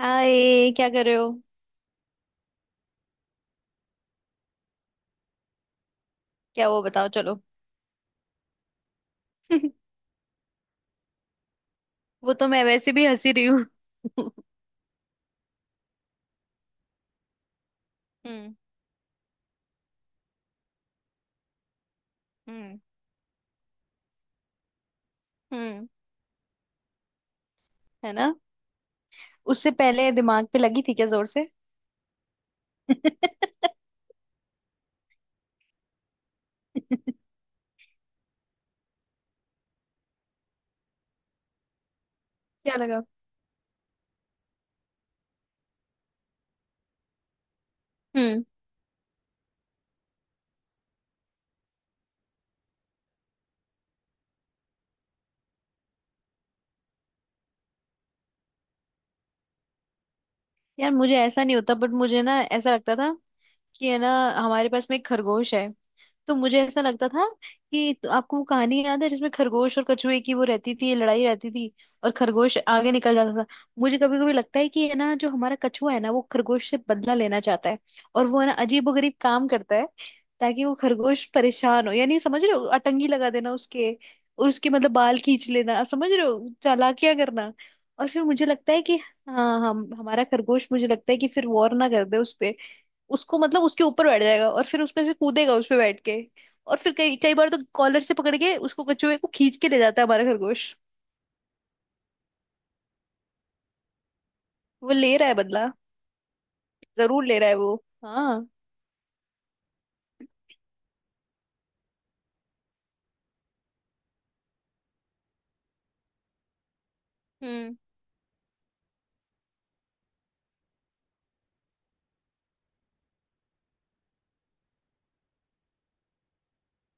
हाय, क्या कर रहे हो? क्या? वो बताओ चलो। वो तो मैं वैसे भी हंसी रही हूँ। हम्म। हम्म। हम्म। है ना? उससे पहले दिमाग पे लगी थी क्या जोर से? क्या लगा? हम्म। यार, मुझे ऐसा नहीं होता, बट मुझे ना ऐसा लगता था कि है ना, हमारे पास में एक खरगोश है। तो मुझे ऐसा लगता था कि, तो आपको वो कहानी याद है जिसमें खरगोश और कछुए की वो रहती थी, लड़ाई रहती थी। और खरगोश आगे निकल जाता था। मुझे कभी कभी लगता है कि ये ना, जो हमारा कछुआ है ना, वो खरगोश से बदला लेना चाहता है। और वो है ना, अजीबोगरीब काम करता है। ताकि वो खरगोश परेशान हो, यानी समझ रहे हो, अटंगी लगा देना उसके। उसके मतलब बाल खींच लेना, आप समझ रहे हो, चालाकियां करना। और फिर मुझे लगता है कि, हाँ, हम हमारा खरगोश, मुझे लगता है कि फिर वॉर ना कर दे उस पे। उसको मतलब उसके ऊपर बैठ जाएगा, और फिर उसमें से कूदेगा उस पे बैठ के। और फिर कई कई बार तो कॉलर से पकड़ के उसको, कछुए को, खींच के ले जाता है हमारा खरगोश। वो ले रहा है बदला। जरूर ले रहा है वो। हाँ। हम्म।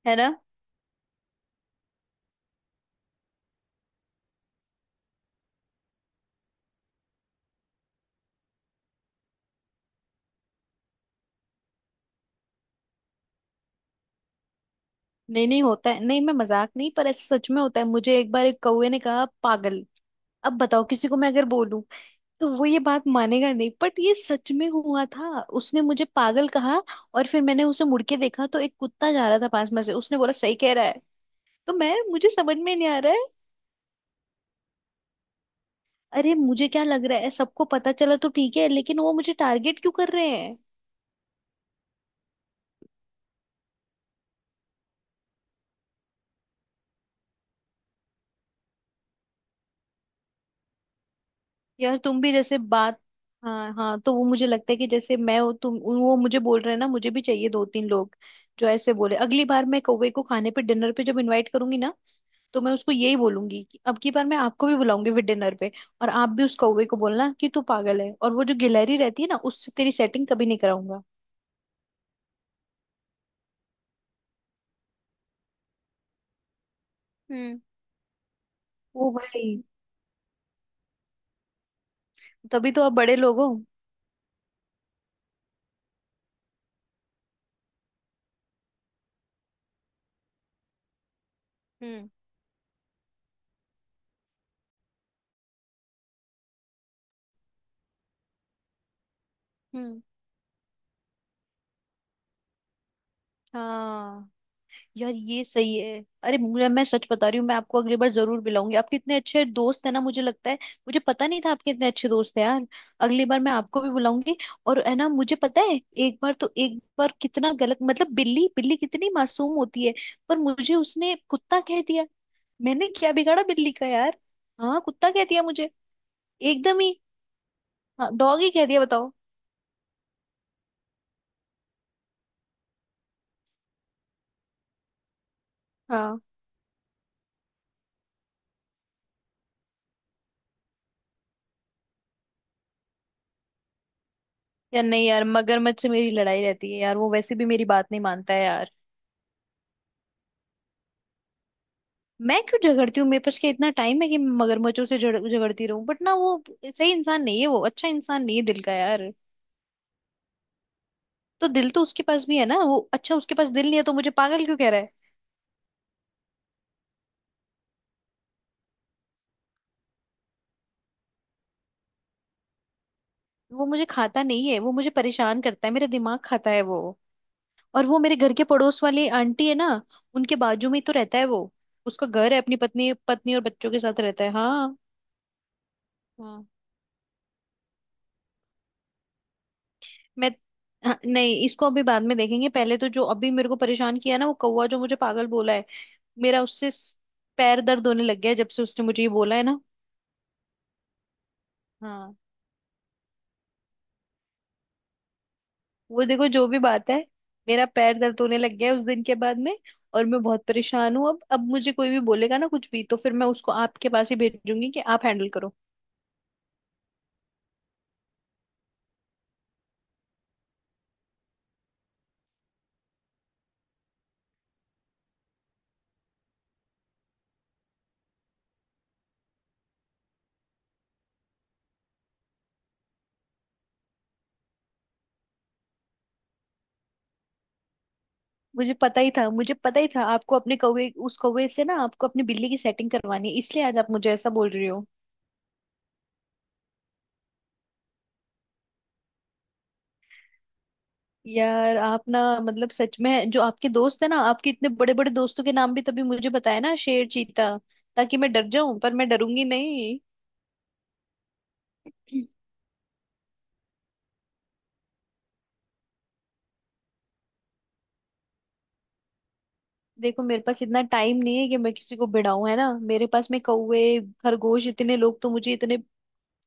है ना? नहीं, नहीं होता है। नहीं, मैं मजाक नहीं, पर ऐसा सच में होता है। मुझे एक बार एक कौवे ने कहा पागल। अब बताओ, किसी को मैं अगर बोलूं तो वो ये बात मानेगा नहीं, बट ये सच में हुआ था। उसने मुझे पागल कहा। और फिर मैंने उसे मुड़ के देखा तो एक कुत्ता जा रहा था पास में से, उसने बोला सही कह रहा है। तो मैं मुझे समझ में नहीं आ रहा है। अरे, मुझे क्या लग रहा है, सबको पता चला तो ठीक है, लेकिन वो मुझे टारगेट क्यों कर रहे हैं? यार, तुम भी जैसे बात। हाँ, हाँ। तो वो मुझे लगता है कि जैसे मैं हूँ, तुम वो मुझे बोल रहे हैं ना, मुझे भी चाहिए दो तीन लोग। जो ऐसे बोले। अगली बार मैं कौवे को खाने पे डिनर पे जब इनवाइट करूंगी ना। तो मैं उसको यही बोलूंगी कि अब की बार मैं आपको भी बुलाऊंगी फिर डिनर पे। और आप भी उस कौवे को बोलना कि तू पागल है, और वो जो गिलहरी रहती है ना, उससे तेरी सेटिंग कभी नहीं कराऊंगा। हम्म। ओ भाई। तभी तो आप बड़े लोग हो। हम्म। हम्म। हाँ। यार, ये सही है! अरे, मुझे मैं सच बता रही हूँ, मैं आपको अगली बार जरूर मिलाऊंगी। आपके इतने अच्छे दोस्त हैं ना, मुझे लगता है। मुझे पता नहीं था आपके इतने अच्छे दोस्त हैं, यार। अगली बार मैं आपको भी बुलाऊंगी। और है ना, मुझे पता है, एक बार तो, एक बार कितना गलत, मतलब बिल्ली, बिल्ली कितनी मासूम होती है। पर मुझे उसने कुत्ता कह दिया! मैंने क्या बिगाड़ा बिल्ली का, यार। हाँ, कुत्ता कह दिया मुझे। एकदम ही। हाँ, डॉग ही कह दिया, बताओ। हाँ। यार, नहीं, यार, मगरमच्छ से मेरी लड़ाई रहती है, यार। वो वैसे भी मेरी बात नहीं मानता है, यार। मैं क्यों झगड़ती हूँ? मेरे पास क्या इतना टाइम है कि मैं मगरमच्छों से झड़ झगड़ती रहूं? बट ना वो। सही इंसान नहीं है वो। अच्छा इंसान नहीं है दिल का, यार। तो दिल तो उसके पास भी है ना। वो अच्छा, उसके पास दिल नहीं है तो मुझे पागल क्यों कह रहा है? वो मुझे खाता नहीं है, वो मुझे परेशान करता है। मेरा दिमाग खाता है वो। और वो मेरे घर के पड़ोस वाली आंटी है ना, उनके बाजू में ही तो रहता है वो। उसका घर है, अपनी पत्नी पत्नी और बच्चों के साथ रहता है। हाँ। हाँ। मैं हाँ, नहीं, इसको अभी बाद में देखेंगे। पहले तो जो अभी मेरे को परेशान किया ना, वो कौवा जो मुझे पागल बोला है। मेरा उससे स- पैर दर्द होने लग गया है जब से उसने मुझे ये बोला है ना। हाँ, वो देखो, जो भी बात है, मेरा पैर दर्द होने लग गया है उस दिन के बाद में। और मैं बहुत परेशान हूँ। अब मुझे कोई भी बोलेगा ना कुछ भी, तो फिर मैं उसको आपके पास ही भेजूंगी कि आप हैंडल करो। मुझे पता ही था, मुझे पता ही था आपको अपने कौवे उस कौवे से ना, आपको अपनी बिल्ली की सेटिंग करवानी है, इसलिए आज आप मुझे ऐसा बोल रही हो। यार आप ना, मतलब सच में जो आपके दोस्त है ना, आपके इतने बड़े बड़े दोस्तों के नाम भी तभी मुझे बताया ना, शेर, चीता, ताकि मैं डर जाऊं, पर मैं डरूंगी नहीं। देखो, मेरे पास इतना टाइम नहीं है कि मैं किसी को भिड़ाऊं, है ना? मेरे पास में कौवे, खरगोश, इतने लोग तो, मुझे इतने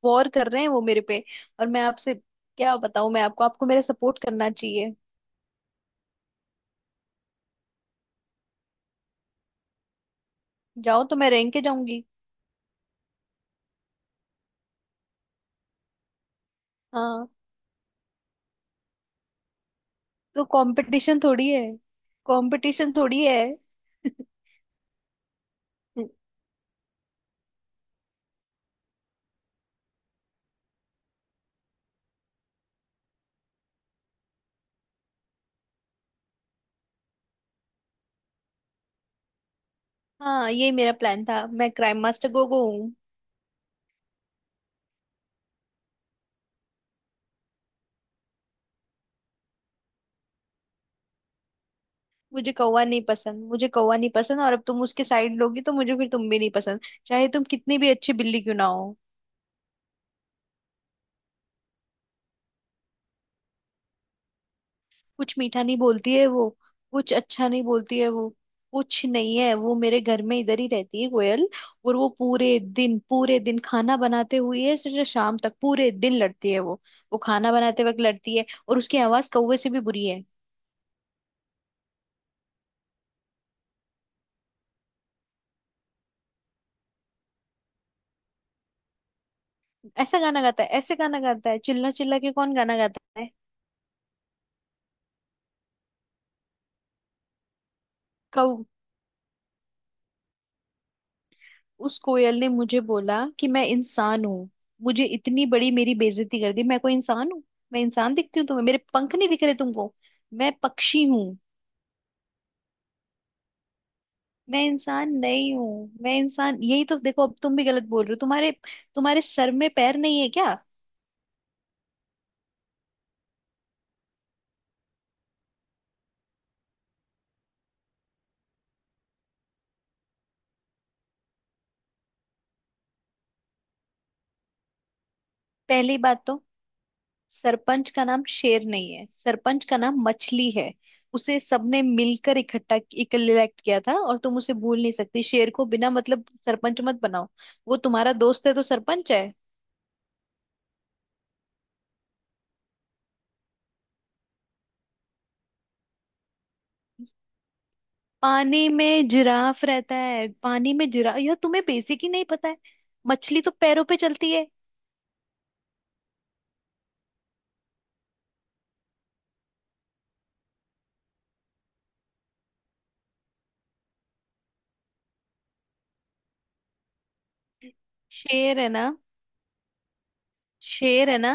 वॉर कर रहे हैं वो मेरे पे। और मैं आपसे क्या बताऊं मैं आपको, आपको मेरा सपोर्ट करना चाहिए। जाओ, तो मैं रैंक के जाऊंगी। हाँ, तो कंपटीशन थोड़ी है, कंपटीशन थोड़ी है। हाँ, ये मेरा प्लान था, मैं क्राइम मास्टर गोगो हूँ। मुझे कौवा नहीं पसंद, मुझे कौवा नहीं पसंद। और अब तुम उसके साइड लोगी तो मुझे फिर तुम भी नहीं पसंद। चाहे तुम कितनी भी अच्छी बिल्ली क्यों ना हो। कुछ मीठा नहीं बोलती है वो। कुछ अच्छा नहीं बोलती है वो। कुछ नहीं है वो। मेरे घर में इधर ही रहती है कोयल। और वो पूरे दिन, पूरे दिन खाना बनाते हुए से शाम तक पूरे दिन लड़ती है वो। वो खाना बनाते वक्त लड़ती है, और उसकी आवाज कौवे से भी बुरी है। ऐसा गाना गाता है, ऐसे गाना गाता है, चिल्ला चिल्ला के कौन गाना गाता है? कौ उस कोयल ने मुझे बोला कि मैं इंसान हूँ। मुझे इतनी बड़ी मेरी बेइज्जती कर दी! मैं कोई इंसान हूँ? मैं इंसान दिखती हूँ तुम्हें? मेरे पंख नहीं दिख रहे तुमको? मैं पक्षी हूँ। मैं इंसान नहीं हूँ। मैं इंसान यही तो देखो, अब तुम भी गलत बोल रहे हो। तुम्हारे तुम्हारे सर में पैर नहीं है क्या? पहली बात तो, सरपंच का नाम शेर नहीं है, सरपंच का नाम मछली है। उसे सबने मिलकर इकट्ठा इलेक्ट किया था, और तुम उसे भूल नहीं सकती। शेर को बिना मतलब सरपंच मत बनाओ। वो तुम्हारा दोस्त है तो सरपंच है? पानी में जिराफ रहता है। पानी में जिरा यह तुम्हें बेसिक ही नहीं पता है। मछली तो पैरों पे चलती है। शेर है ना? शेर है ना?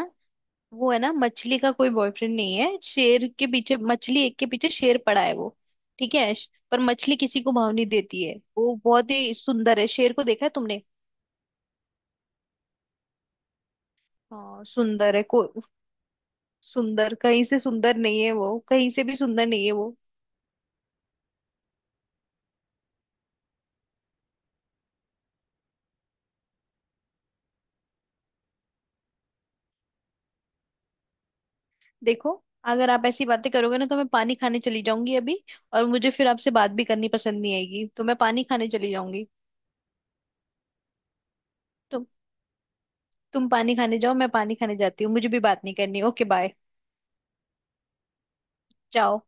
वो है ना, मछली का कोई बॉयफ्रेंड नहीं है। शेर के पीछे मछली एक के पीछे शेर पड़ा है वो। ठीक है। पर मछली किसी को भाव नहीं देती है। वो बहुत ही सुंदर है। शेर को देखा है तुमने? हाँ, सुंदर है? को सुंदर कहीं से सुंदर नहीं है वो। कहीं से भी सुंदर नहीं है वो। देखो, अगर आप ऐसी बातें करोगे ना तो मैं पानी खाने चली जाऊंगी अभी। और मुझे फिर आपसे बात भी करनी पसंद नहीं आएगी, तो मैं पानी खाने चली जाऊंगी। तुम तुम पानी खाने जाओ, मैं पानी खाने जाती हूँ, मुझे भी बात नहीं करनी। Okay, bye. जाओ।